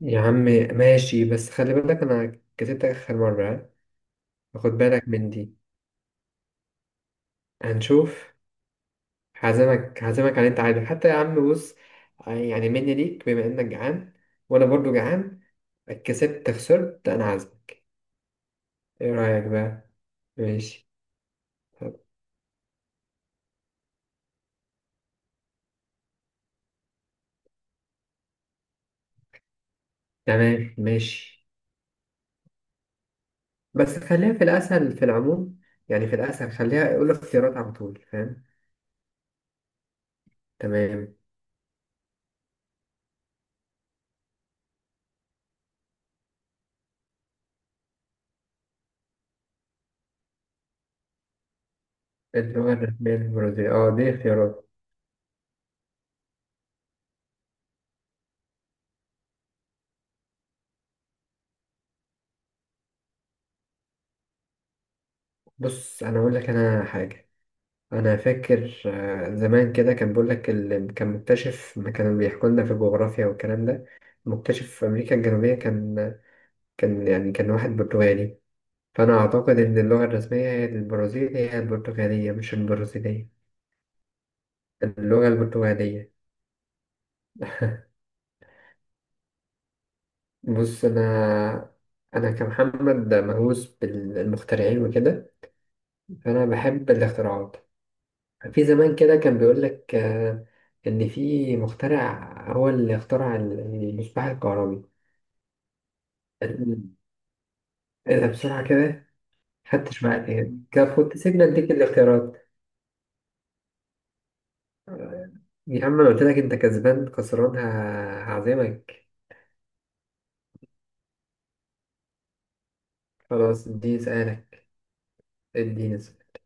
يا عم ماشي، بس خلي بالك انا كسبتك اخر مرة ها؟ فخد بالك من دي. هنشوف. هعزمك هعزمك على اللي انت عايزه حتى. يا عم بص، يعني مني ليك بما انك جعان وانا برضو جعان. كسبت خسرت انا عازمك. ايه رأيك بقى؟ ماشي. طب تمام ماشي، بس خليها في الاسهل في العموم، يعني في الاسهل خليها يقول اختيارات على طول فاهم. تمام. اللغة الرسمية للبرازيل؟ اه دي اختيارات. بص انا اقول لك انا حاجة، انا فاكر زمان كده كان بيقول لك اللي كان مكتشف، ما كانوا بيحكوا لنا في الجغرافيا والكلام ده. مكتشف في امريكا الجنوبيه، كان كان يعني كان واحد برتغالي، فانا اعتقد ان اللغه الرسميه هي البرازيل هي البرتغاليه مش البرازيليه. اللغه البرتغاليه. بص انا، انا كمحمد مهووس بالمخترعين وكده، فانا بحب الاختراعات. في زمان كده كان بيقول لك ان في مخترع هو اللي اخترع المصباح الكهربي. أنا بصراحة كده فتش معاك يعني، كان كنت سيبنا اديك الاختيارات. يا عم انا قلت لك انت كسبان خسران هعزمك. خلاص اديني اسألك، اديني اسألك.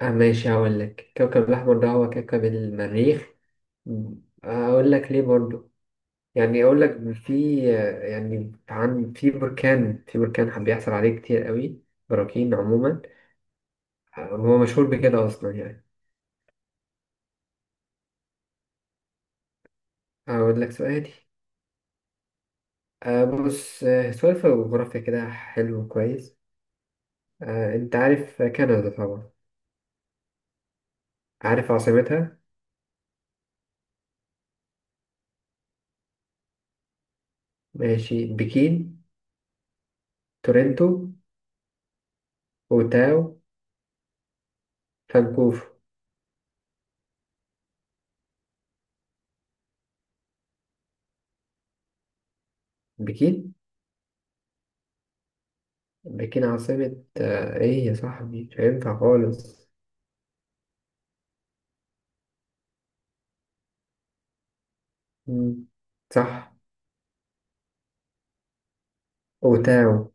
آه ماشي، هقول لك كوكب الأحمر ده هو كوكب المريخ. م. أقول لك ليه برضو، يعني أقول لك في يعني عن في بركان، بيحصل عليه كتير قوي، براكين عموما. هو مشهور بكده أصلا يعني. أقول لك سؤالي، آه بص آه سؤال في الجغرافيا كده حلو كويس. آه أنت عارف كندا طبعا، عارف عاصمتها؟ ماشي، بكين، تورنتو، أوتاو، فانكوفر. بكين؟ بكين عاصمة إيه يا صاحبي؟ مش هينفع خالص. مم. صح. أوتاو.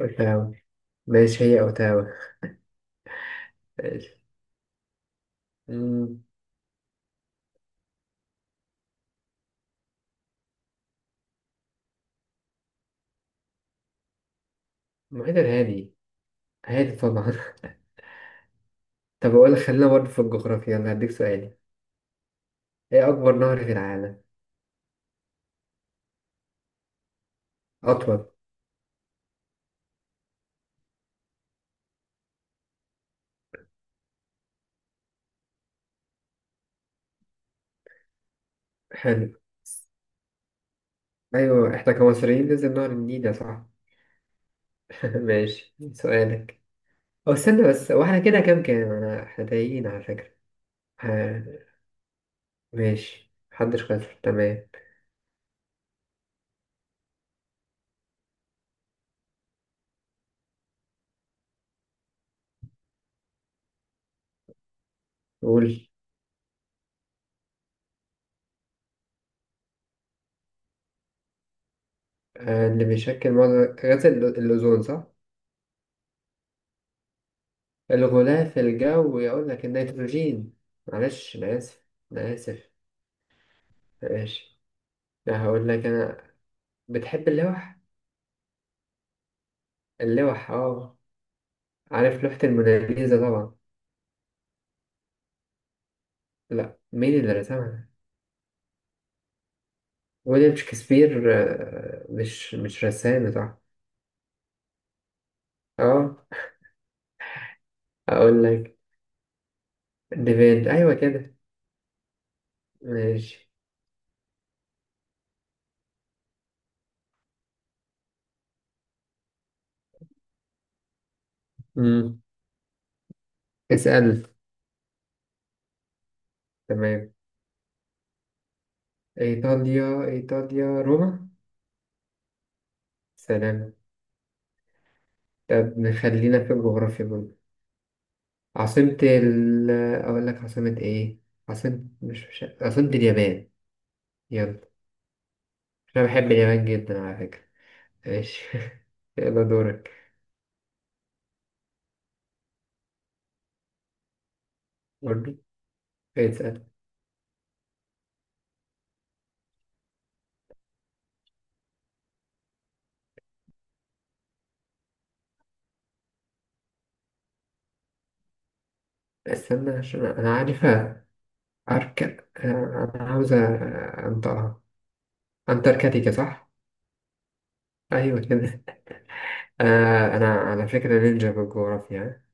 أوتاو. ماشي، هي أوتاو. ماشي. مم. المحيط الهادي، هادي طبعا طب أقول لك، خلينا برضه في الجغرافيا، أنا هديك سؤالي. إيه أكبر نهر في العالم؟ أطول. حلو. ايوه احنا كمصريين لازم نعرف النيل يا صاحبي. ماشي سؤالك. او استنى بس، واحنا كده كام كام انا؟ احنا تايهين على فكرة. ها، ماشي محدش خسر. تمام. قول. اللي بيشكل معظم غاز الأوزون صح؟ الغلاف الجوي يقول لك النيتروجين. معلش أنا آسف. أنا آسف. ماشي. لا هقول لك أنا، بتحب اللوح؟ اللوح اه. عارف لوحة الموناليزا طبعا؟ لا مين اللي رسمها؟ ويليام شكسبير، مش رسام صح؟ اه اقول لك، ديفيد ايوه كده. ماشي. امم اسأل. تمام، ايطاليا، ايطاليا روما. سلام. طب نخلينا في الجغرافيا برضه. عاصمة ال، اقول لك عاصمة ايه، عاصمة مش عاصمة اليابان. يلا. انا بحب اليابان جدا على فكرة. ماشي. يلا دورك. برضه. اسأل. استنى عشان انا عارف. أرك، أنا عاوزة أنطقها، أنتاركتيكا صح؟ أيوة كده. أنا أنا على فكرة نينجا بالجغرافيا.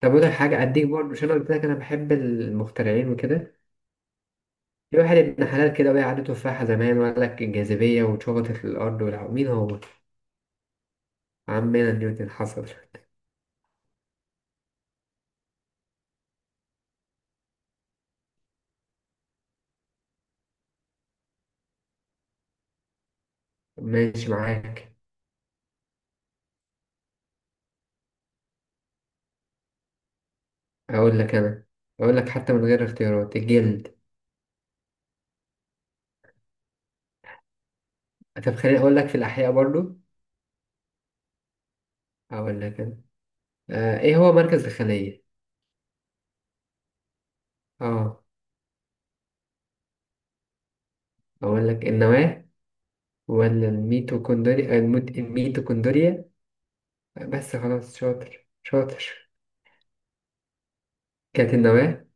طب أقول لك حاجة أديك برضه، عشان أنا قلت لك أنا بحب المخترعين وكده. في واحد ابن حلال كده وقع عليه تفاحة زمان وقال لك الجاذبية واتشبطت للأرض مين هو؟ عمنا نيوتن، حصل. ماشي معاك. أقول لك أنا، أقول لك حتى من غير اختيارات: الجلد. طب خليني أقول لك في الأحياء برضه. أقول لك أنا، آه إيه هو مركز الخلية؟ آه. أقول لك النواة ولا الميتوكوندريا، الميتوكوندريا. بس خلاص، شاطر شاطر. كانت النواة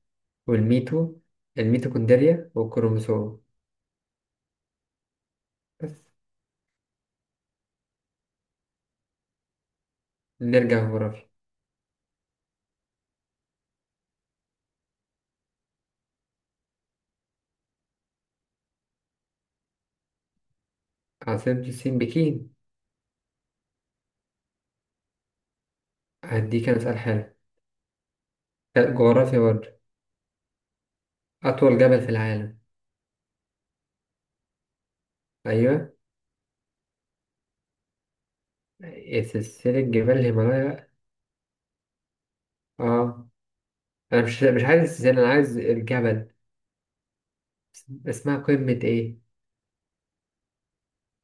والميتو الميتوكوندريا والكروموسوم. بس. نرجع جغرافيا. عاصمة الصين بكين. هديك أنا سؤال حلو. لا، جغرافيا برضه. أطول جبل في العالم. أيوه. إيه سلسلة جبال الهيمالايا بقى. آه أنا مش عايز السلسلة، أنا عايز الجبل. اسمها قمة إيه؟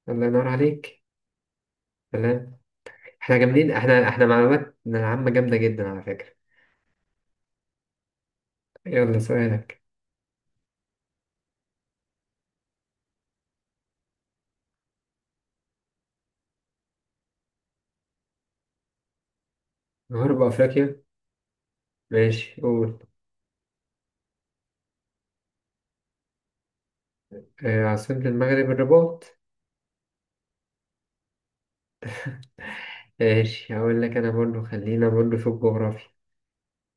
الله ينور عليك. تمام. احنا جامدين، احنا احنا معلوماتنا العامة جامدة جدا على فكرة. يلا سؤالك. غرب أفريقيا؟ ماشي قول. آه عاصمة المغرب الرباط. ماشي. هقول لك أنا برضو، خلينا برضو في الجغرافيا.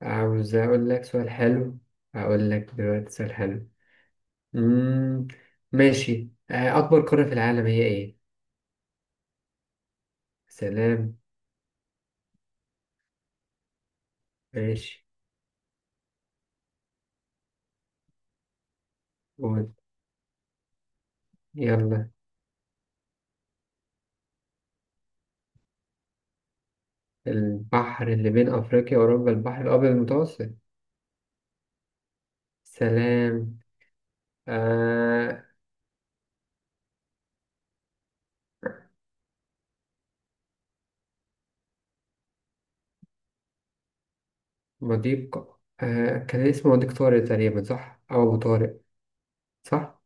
عاوز أقول لك سؤال حلو. هقول لك دلوقتي سؤال حلو. مم. ماشي، آه أكبر قارة في العالم هي إيه؟ سلام. ماشي قول. يلا. البحر اللي بين أفريقيا وأوروبا البحر الأبيض المتوسط. سلام. آه. مضيق، آه كان اسمه مضيق طارق تقريبا صح؟ أو أبو طارق. صح؟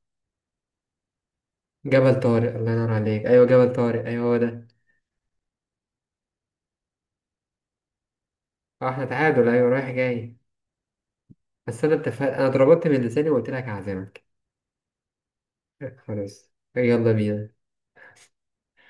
جبل طارق الله ينور عليك، ايوه جبل طارق، ايوه هو ده. اه احنا تعادل، ايوه رايح جاي. بس انا اتفق، انا اتربطت من لساني وقلت لك هعزمك. خلاص يلا بينا.